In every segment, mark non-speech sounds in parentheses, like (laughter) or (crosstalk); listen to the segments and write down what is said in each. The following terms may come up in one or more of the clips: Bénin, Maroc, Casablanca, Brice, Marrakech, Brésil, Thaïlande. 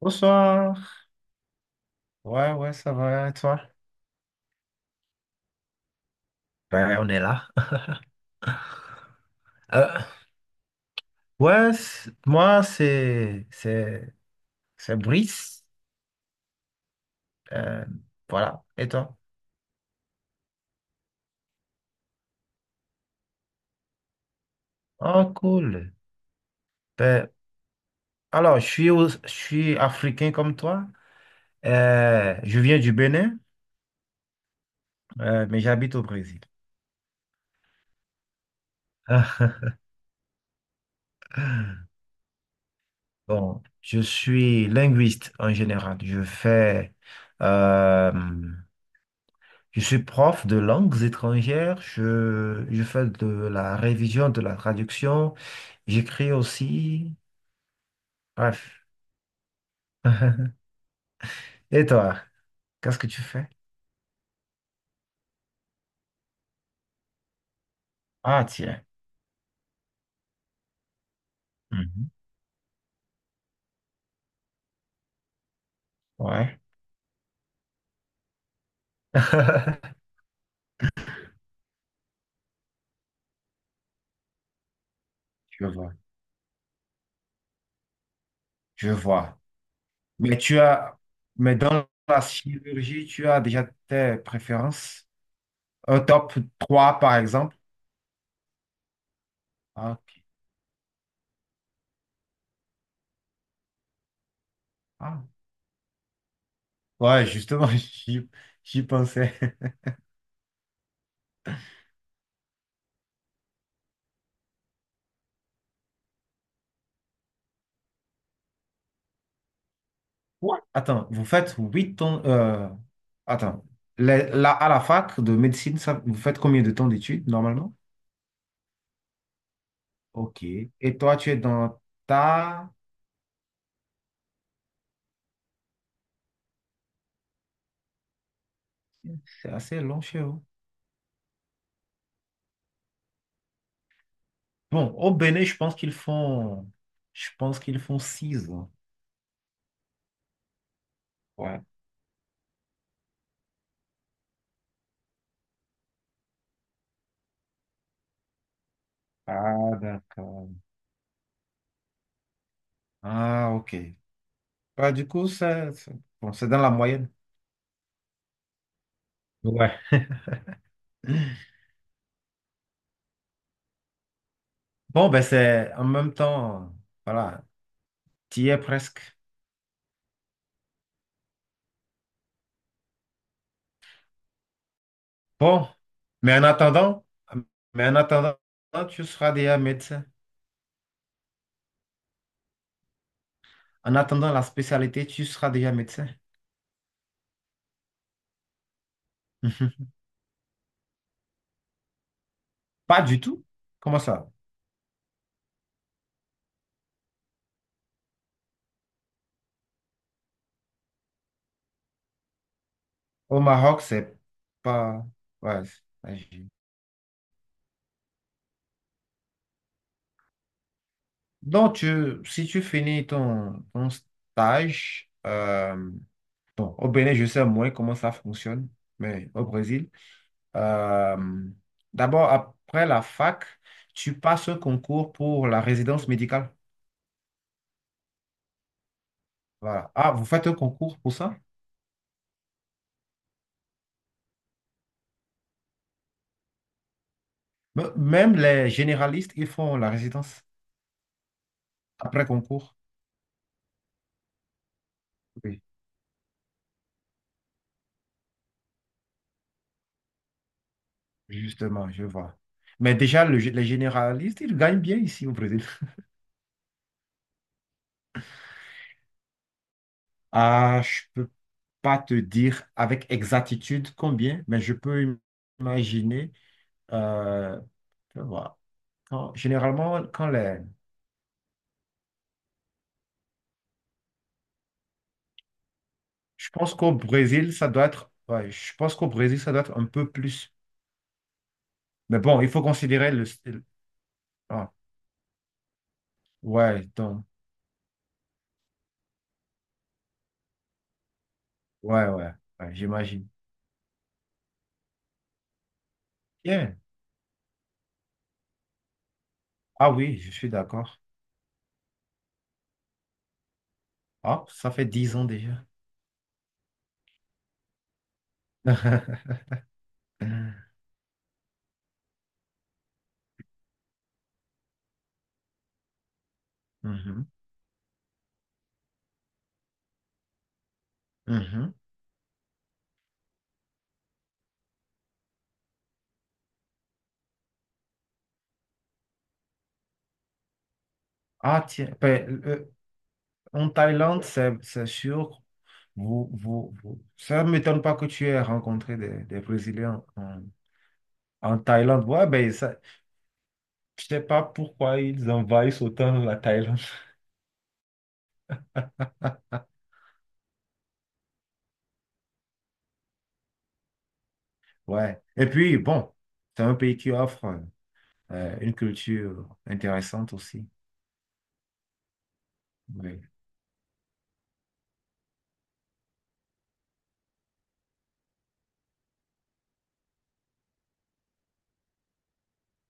Bonsoir. Ouais, ouais, ça va, et toi? Ben, on est là. (laughs) Euh, ouais, moi, c'est Brice. Euh, voilà, et toi? Oh, cool. Ben, alors, je suis, je suis africain comme toi. Je viens du Bénin, mais j'habite au Brésil. (laughs) Bon, je suis linguiste en général. Euh, Je suis prof de langues étrangères, je fais de la révision, de la traduction, j'écris aussi. Bref. (laughs) Et toi, qu'est-ce que tu fais? Ah, tiens. Mhm. Ouais. (laughs) Je vois. Je vois. Mais tu as, mais dans la chirurgie, tu as déjà tes préférences? Un top 3, par exemple? Ah, ok. Ah. Ouais, justement, (laughs) j'y pensais. Quoi? Attends, vous faites 8 ans. Attends. À la fac de médecine, vous faites combien de temps d'études normalement? Ok. Et toi, tu es dans ta… C'est assez long chez vous. Bon, au Bénin, je pense qu'ils font… Je pense qu'ils font 6 ans. Ouais. Ah, d'accord. Ah, ok. Bah, du coup, ça, c'est bon, c'est dans la moyenne. Ouais. Bon, ben c'est en même temps, voilà, tu y es presque. Bon, mais en attendant, mais en attendant, tu seras déjà médecin. En attendant la spécialité, tu seras déjà médecin. Mhm. Pas du tout. Comment ça? Au Maroc, c'est pas. Ouais, c'est pas gi- Donc, si tu finis ton, ton stage, bon, au Bénin, je sais moins comment ça fonctionne, mais au Brésil, euh, d'abord, après la fac, tu passes un concours pour la résidence médicale. Voilà. Ah, vous faites un concours pour ça? Même les généralistes, ils font la résidence après concours. Oui, justement, je vois. Mais déjà, les généralistes, ils gagnent bien ici au Brésil. Ah, je peux pas te dire avec exactitude combien, mais je peux imaginer. euh, je vois. Généralement, quand les… Je pense qu'au Brésil, ça doit être… ouais, je pense qu'au Brésil, ça doit être un peu plus. Mais bon, il faut considérer le… style. Ah, ouais, donc… Ouais, ouais, ouais, j'imagine. Bien. Ah oui, je suis d'accord. Ah, ça fait 10 ans déjà. (laughs) Mhm, mhm. Ah tiens, ben, en Thaïlande, c'est sûr. Ça ne m'étonne pas que tu aies rencontré des Brésiliens en Thaïlande. Ouais, ben, ça, je sais pas pourquoi ils envahissent autant la Thaïlande. (laughs) Ouais. Et puis, bon, c'est un pays qui offre une culture intéressante aussi. Oui.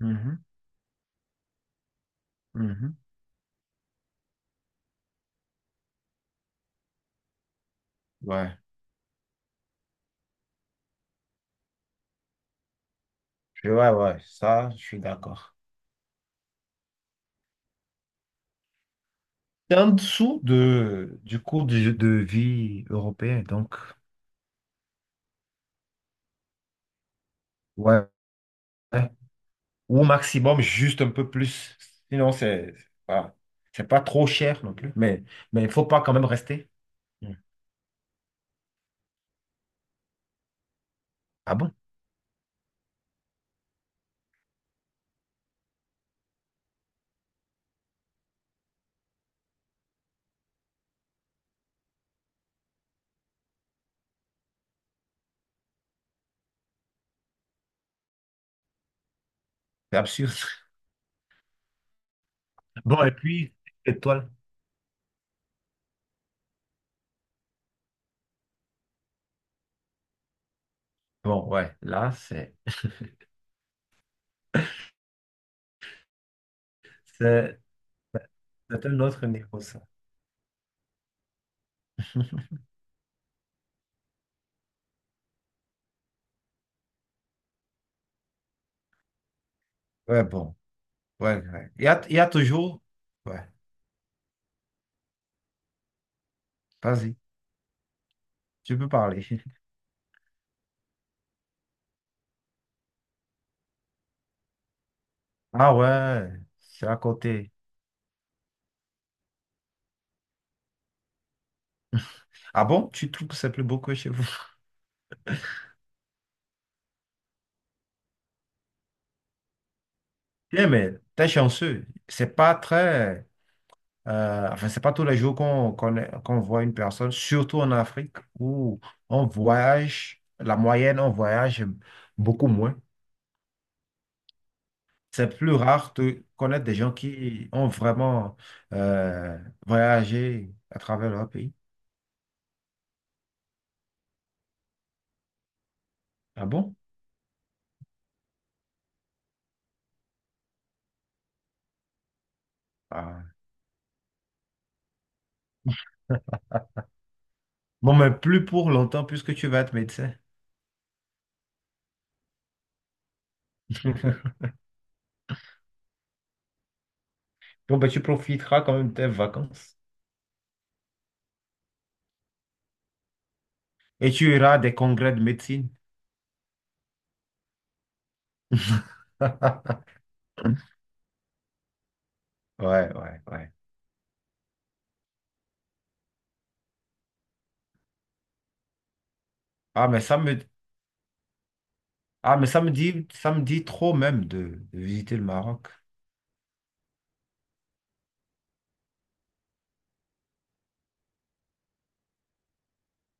Mhm, mhm. Ouais. Ouais, ouais, ça, je suis d'accord. C'est en dessous de, du coût de vie européen, donc, ouais, ouais. Ou au maximum, juste un peu plus. Sinon, c'est voilà. C'est pas trop cher non plus, mais il faut pas quand même rester. Hmm. Ah bon? C'est absurde. (laughs) Bon, et puis, étoile. Bon, ouais, là, c'est- c'est un autre niveau, ça. (laughs) Ouais, bon, ouais, ouais. Il y a toujours. Ouais, vas-y, tu peux parler. (laughs) Ah ouais, c'est à côté. Ah bon? Tu trouves que c'est plus beau que chez vous? Bien, mais t'es chanceux. C'est pas tous les jours qu'on voit une personne, surtout en Afrique, où on voyage, la moyenne, on voyage beaucoup moins. C'est plus rare de connaître des gens qui ont vraiment euh, voyagé à travers leur pays. Ah bon? Ah. Bon, mais plus pour longtemps, puisque tu vas être médecin. (laughs) Bon, ben, tu profiteras quand même de tes vacances. Et tu iras à des congrès de médecine. (laughs) Ouais, ouais, ouais. Ah, mais ça me, ah, mais ça me dit trop même de visiter le Maroc.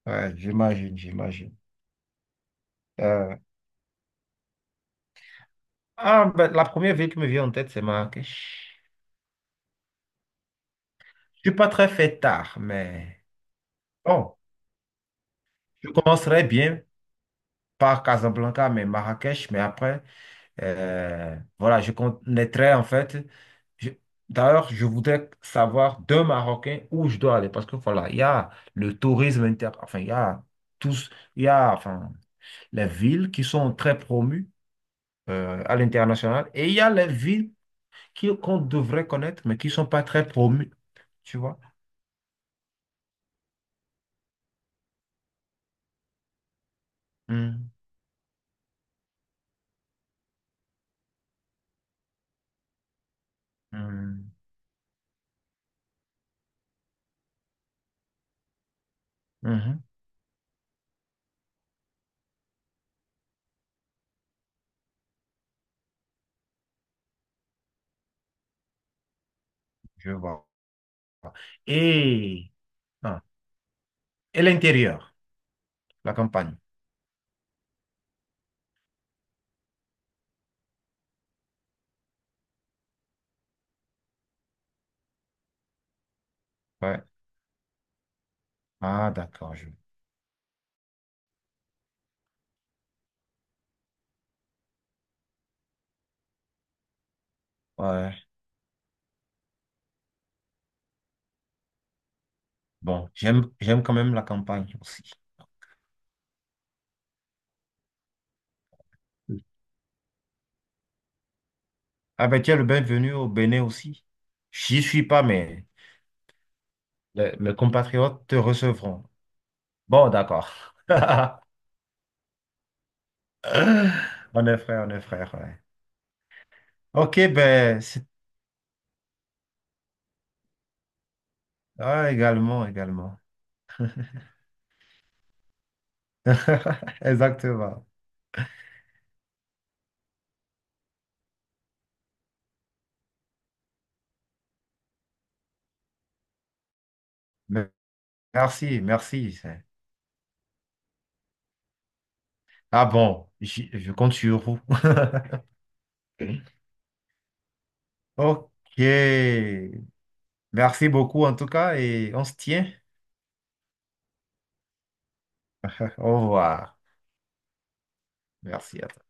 Ouais, j'imagine, j'imagine. Euh, ben, la première ville qui me vient en tête, c'est Marrakech. Je suis pas très fait tard, mais bon, je commencerai bien par Casablanca, mais Marrakech, mais après, voilà, je connaîtrai en fait. je- D'ailleurs, je voudrais savoir d'un Marocain où je dois aller parce que voilà, il y a le tourisme inter, enfin, il y a tous, il y a, enfin. Les villes qui sont très promues à l'international. Et il y a les villes qu'on devrait connaître, mais qui ne sont pas très promues. Tu vois? Hmm, hmm, mhm, je vois. Et, ah, et l'intérieur, la campagne. Ouais. Ah, d'accord. Je… Ouais. Bon, j'aime quand même la campagne aussi. Ah ben tiens, le bienvenu au Bénin aussi. J'y suis pas, mais mes compatriotes te recevront. Bon, d'accord. (laughs) On est frère, on est frère. Ouais. Ok, ben, également, également. (laughs) Exactement. Me- Merci, merci. Ah bon, je compte sur vous. (laughs) Ok. Merci beaucoup en tout cas et on se tient. (laughs) Au revoir. Merci à toi.